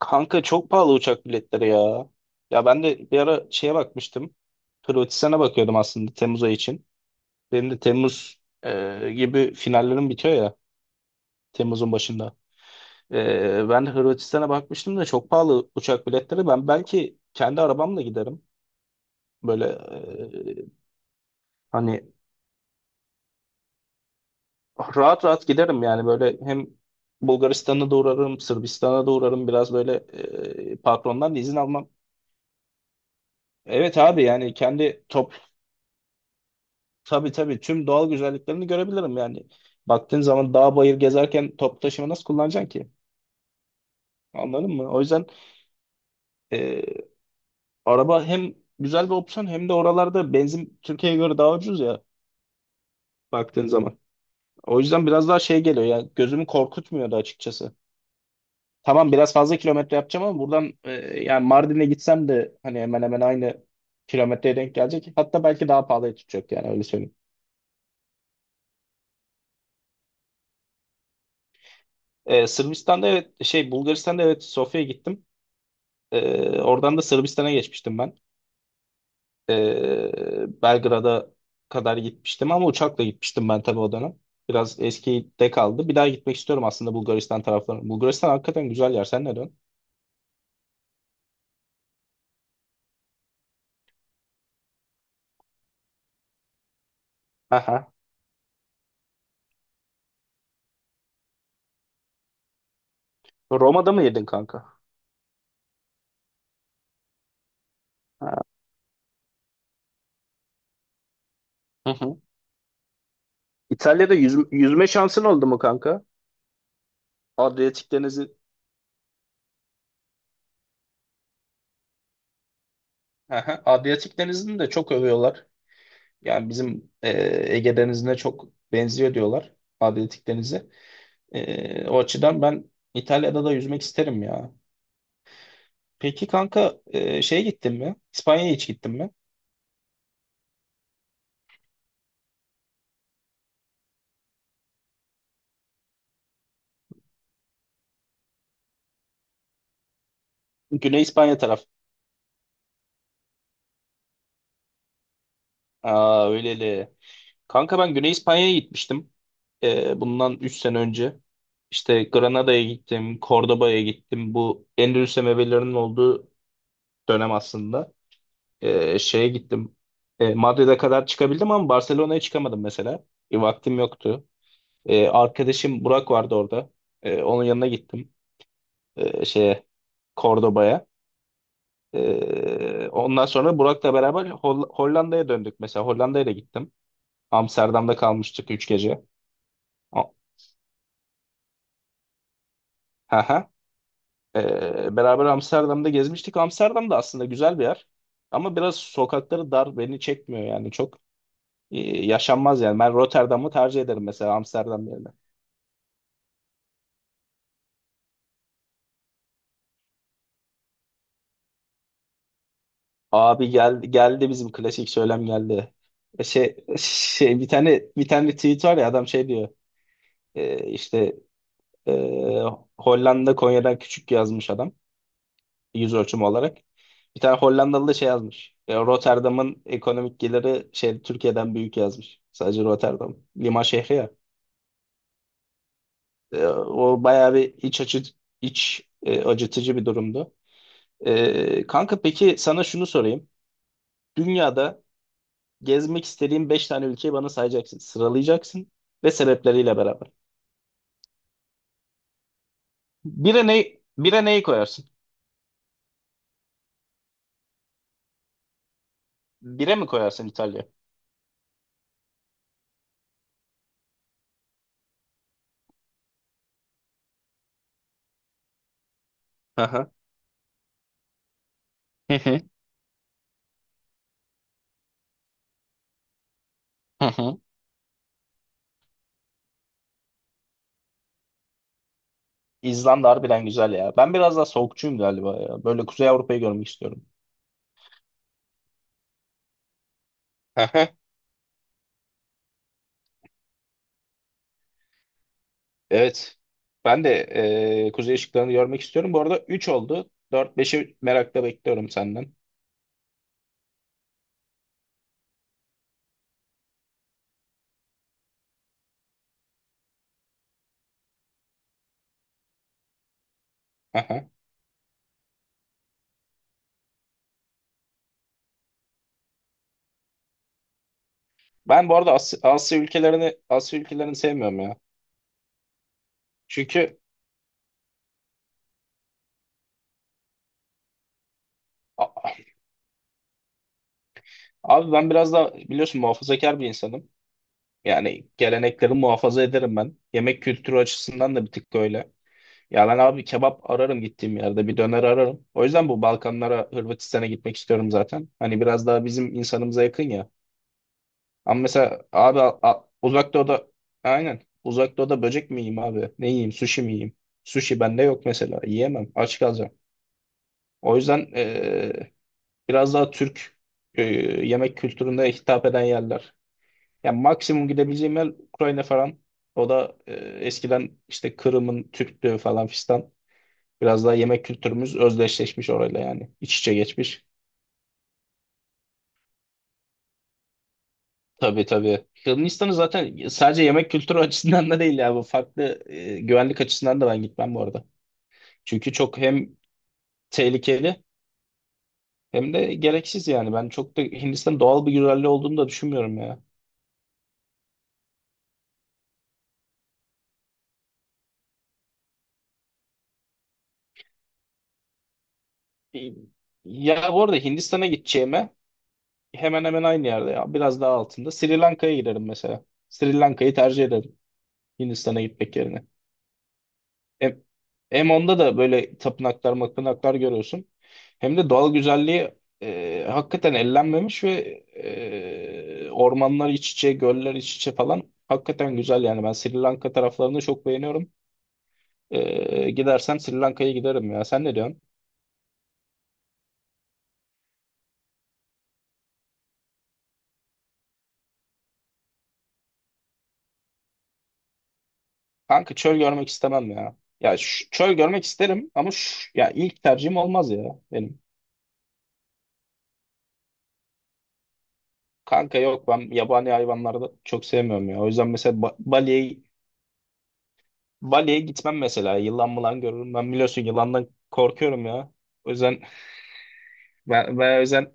Kanka çok pahalı uçak biletleri ya. Ya ben de bir ara şeye bakmıştım. Hırvatistan'a bakıyordum aslında Temmuz ayı için. Benim de Temmuz gibi finallerim bitiyor ya. Temmuz'un başında. Ben de Hırvatistan'a bakmıştım da çok pahalı uçak biletleri. Ben belki kendi arabamla giderim. Böyle hani rahat rahat giderim yani böyle hem Bulgaristan'a da uğrarım, Sırbistan'a da uğrarım. Biraz böyle patrondan da izin almam. Evet abi yani kendi. Tabii tabii tüm doğal güzelliklerini görebilirim yani. Baktığın zaman dağ bayır gezerken top taşıma nasıl kullanacaksın ki? Anladın mı? O yüzden e, araba hem güzel bir opsiyon hem de oralarda benzin Türkiye'ye göre daha ucuz ya baktığın zaman. O yüzden biraz daha şey geliyor ya, gözümü korkutmuyordu açıkçası. Tamam, biraz fazla kilometre yapacağım ama buradan yani Mardin'e gitsem de hani hemen hemen aynı kilometreye denk gelecek. Hatta belki daha pahalıya tutacak yani, öyle söyleyeyim. Sırbistan'da evet şey Bulgaristan'da evet Sofya'ya gittim. Oradan da Sırbistan'a geçmiştim ben. Belgrad'a kadar gitmiştim ama uçakla gitmiştim ben tabii o dönem. Biraz eskide kaldı. Bir daha gitmek istiyorum aslında Bulgaristan taraflarına. Bulgaristan hakikaten güzel yer. Sen ne dön? Aha. Roma'da mı yedin kanka? Ha. Hı hı. İtalya'da yüzme şansın oldu mu kanka? Adriyatik Denizi. Aha. Adriyatik Denizi'ni de çok övüyorlar. Yani bizim Ege Denizi'ne çok benziyor diyorlar. Adriyatik Denizi. O açıdan ben İtalya'da da yüzmek isterim ya. Peki kanka şeye gittin mi? İspanya'ya hiç gittin mi? Güney İspanya taraf. Aa öyleli. Kanka ben Güney İspanya'ya gitmiştim. Bundan 3 sene önce. İşte Granada'ya gittim, Cordoba'ya gittim. Bu Endülüs emevilerinin olduğu dönem aslında. Şeye gittim. Madrid'e kadar çıkabildim ama Barcelona'ya çıkamadım mesela. Vaktim yoktu. Arkadaşım Burak vardı orada. Onun yanına gittim. Şeye Cordoba'ya. Ondan sonra Burak'la beraber Hollanda'ya döndük. Mesela Hollanda'ya da gittim. Amsterdam'da kalmıştık 3 gece. A- Hı hı. Beraber Amsterdam'da gezmiştik. Amsterdam da aslında güzel bir yer. Ama biraz sokakları dar, beni çekmiyor yani çok e, yaşanmaz yani. Ben Rotterdam'ı tercih ederim mesela Amsterdam yerine. Abi gel, geldi bizim klasik söylem geldi. Şey, bir tane tweet var ya, adam şey diyor. İşte e, Hollanda Konya'dan küçük yazmış adam yüz ölçümü olarak. Bir tane Hollandalı da şey yazmış. Rotterdam'ın ekonomik geliri şey Türkiye'den büyük yazmış. Sadece Rotterdam. Liman şehri ya. O bayağı bir iç acıtıcı bir durumdu. Kanka peki sana şunu sorayım. Dünyada gezmek istediğin 5 tane ülkeyi bana sayacaksın. Sıralayacaksın ve sebepleriyle beraber. Bire ne, bire neyi koyarsın? Bire mi koyarsın İtalya? Aha. Hı hı. Hı hı. İzlanda harbiden güzel ya. Ben biraz daha soğukçuyum galiba ya. Böyle Kuzey Avrupa'yı görmek istiyorum. Aha, evet. Ben de kuzey ışıklarını görmek istiyorum. Bu arada 3 oldu. Dört, 5'i merakla bekliyorum senden. Aha. Ben bu arada Asya ülkelerini sevmiyorum ya. Çünkü a- abi ben biraz da biliyorsun muhafazakar bir insanım. Yani gelenekleri muhafaza ederim ben. Yemek kültürü açısından da bir tık öyle. Ya ben abi kebap ararım gittiğim yerde. Bir döner ararım. O yüzden bu Balkanlara, Hırvatistan'a gitmek istiyorum zaten. Hani biraz daha bizim insanımıza yakın ya. Ama mesela abi Uzak Doğu'da aynen. Uzak Doğu'da böcek mi yiyeyim abi? Ne yiyeyim? Sushi mi yiyeyim? Sushi bende yok mesela. Yiyemem. Aç kalacağım. O yüzden biraz daha Türk yemek kültürüne hitap eden yerler. Yani maksimum gidebileceğim yer Ukrayna falan. O da eskiden işte Kırım'ın Türktü falan fistan. Biraz daha yemek kültürümüz özdeşleşmiş orayla yani. İç içe geçmiş. Tabii tabii. Hırvatistan'ı zaten sadece yemek kültürü açısından da değil ya. Bu farklı güvenlik açısından da ben gitmem bu arada. Çünkü çok hem tehlikeli hem de gereksiz yani. Ben çok da Hindistan doğal bir güzelliği olduğunu da düşünmüyorum ya. E, Ya bu arada Hindistan'a gideceğime hemen hemen aynı yerde ya. Biraz daha altında. Sri Lanka'ya giderim mesela. Sri Lanka'yı tercih ederim Hindistan'a gitmek yerine. Hem, hem onda da böyle tapınaklar mapınaklar görüyorsun. Hem de doğal güzelliği hakikaten ellenmemiş ve ormanlar iç içe, göller iç içe falan hakikaten güzel yani. Ben Sri Lanka taraflarını çok beğeniyorum. Gidersen Sri Lanka'ya giderim ya. Sen ne diyorsun? Kanka çöl görmek istemem ya. Ya çöl görmek isterim ama şu, ya ilk tercihim olmaz ya benim. Kanka yok, ben yabani hayvanları da çok sevmiyorum ya. O yüzden mesela ba Bali'ye Bali'ye gitmem mesela. Yılan mılan görürüm. Ben biliyorsun yılandan korkuyorum ya. O yüzden ben o yüzden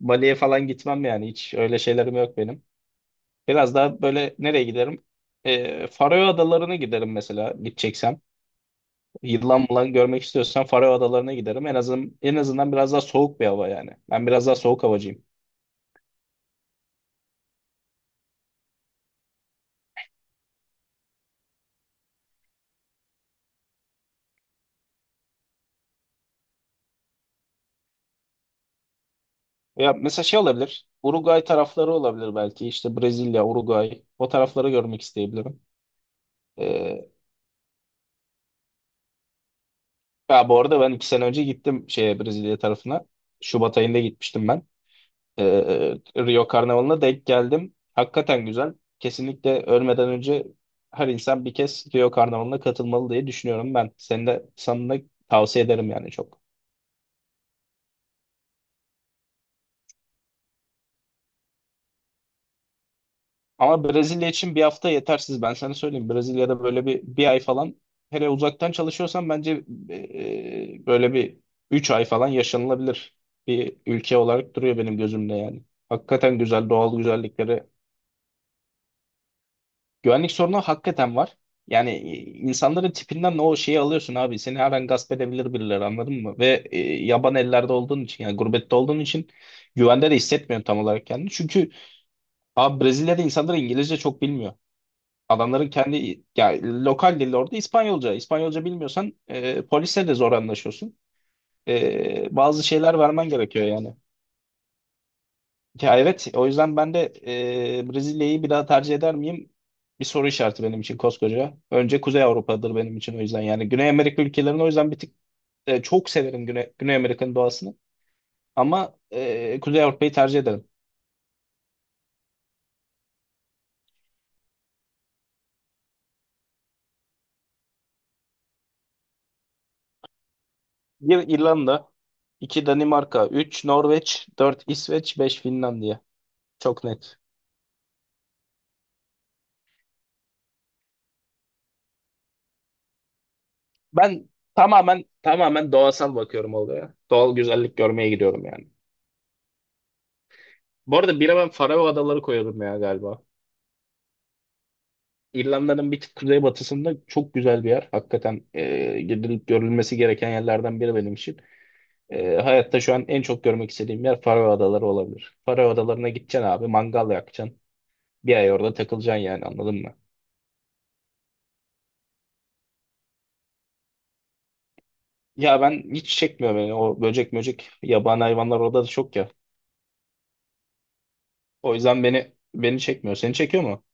Bali'ye falan gitmem yani. Hiç öyle şeylerim yok benim. Biraz daha böyle nereye giderim? Faroe Adaları'na giderim mesela gideceksem. Yılan mılan görmek istiyorsan Faroe Adaları'na giderim. En azından biraz daha soğuk bir hava yani. Ben biraz daha soğuk havacıyım. Ya mesela şey olabilir. Uruguay tarafları olabilir belki. İşte Brezilya, Uruguay. O tarafları görmek isteyebilirim. Ee, Ya bu arada ben 2 sene önce gittim şeye Brezilya tarafına. Şubat ayında gitmiştim ben. Ee, Rio Karnavalı'na denk geldim. Hakikaten güzel. Kesinlikle ölmeden önce her insan bir kez Rio Karnavalı'na katılmalı diye düşünüyorum ben. Seni de sana da tavsiye ederim yani çok. Ama Brezilya için bir hafta yetersiz. Ben sana söyleyeyim. Brezilya'da böyle bir ay falan, hele uzaktan çalışıyorsan bence böyle bir 3 ay falan yaşanılabilir bir ülke olarak duruyor benim gözümde yani. Hakikaten güzel doğal güzellikleri. Güvenlik sorunu hakikaten var. Yani insanların tipinden o şeyi alıyorsun abi. Seni her an gasp edebilir birileri, anladın mı? Ve yaban ellerde olduğun için, yani gurbette olduğun için güvende de hissetmiyorum tam olarak kendini. Çünkü abi Brezilya'da insanlar İngilizce çok bilmiyor. Adamların kendi, yani lokal dili orada İspanyolca. İspanyolca bilmiyorsan polisle de zor anlaşıyorsun. Bazı şeyler vermen gerekiyor yani. Ya evet, o yüzden ben de Brezilya'yı bir daha tercih eder miyim? Bir soru işareti benim için koskoca. Önce Kuzey Avrupa'dır benim için o yüzden, yani Güney Amerika ülkelerini o yüzden bir tık çok severim Güney Amerika'nın doğasını. Ama Kuzey Avrupa'yı tercih ederim. Bir İrlanda, iki Danimarka, üç Norveç, dört İsveç, beş Finlandiya. Çok net. Ben tamamen tamamen doğasal bakıyorum olaya. Doğal güzellik görmeye gidiyorum yani. Bu arada bire ben Faroe Adaları koyarım ya galiba. İrlanda'nın bir tık kuzeybatısında çok güzel bir yer. Hakikaten gidilip görülmesi gereken yerlerden biri benim için. Hayatta şu an en çok görmek istediğim yer Faroe Adaları olabilir. Faroe Adaları'na gideceksin abi, mangal yakacaksın. Bir ay orada takılacaksın yani, anladın mı? Ya ben hiç çekmiyor beni, o böcek möcek yabani hayvanlar orada da çok ya. O yüzden beni çekmiyor. Seni çekiyor mu?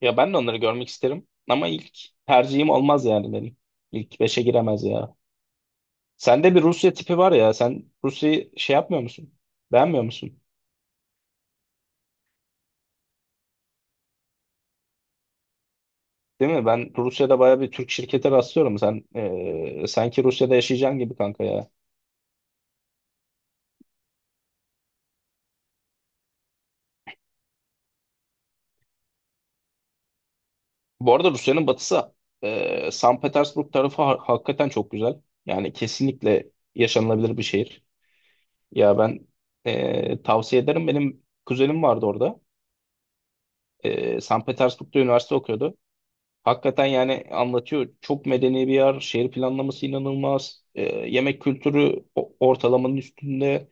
Ya ben de onları görmek isterim ama ilk tercihim olmaz yani benim. İlk beşe giremez ya. Sende bir Rusya tipi var ya. Sen Rusya'yı şey yapmıyor musun? Beğenmiyor musun? Değil mi? Ben Rusya'da bayağı bir Türk şirkete rastlıyorum. Sen sanki Rusya'da yaşayacaksın gibi kanka ya. Bu arada Rusya'nın batısı San Petersburg tarafı hakikaten çok güzel. Yani kesinlikle yaşanılabilir bir şehir. Ya ben tavsiye ederim. Benim kuzenim vardı orada. San Petersburg'da üniversite okuyordu. Hakikaten yani anlatıyor. Çok medeni bir yer. Şehir planlaması inanılmaz. Yemek kültürü ortalamanın üstünde.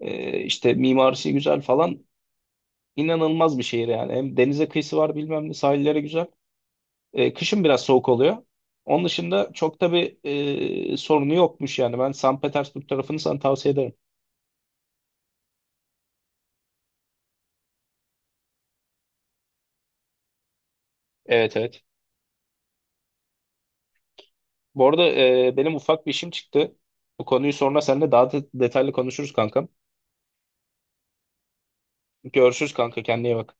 İşte mimarisi güzel falan. İnanılmaz bir şehir yani. Hem denize kıyısı var, bilmem ne, sahilleri güzel. Kışın biraz soğuk oluyor. Onun dışında çok da bir sorunu yokmuş yani. Ben San Petersburg tarafını sana tavsiye ederim. Evet evet. Bu arada benim ufak bir işim çıktı. Bu konuyu sonra seninle daha detaylı konuşuruz kankam. Görüşürüz kanka, kendine iyi bak.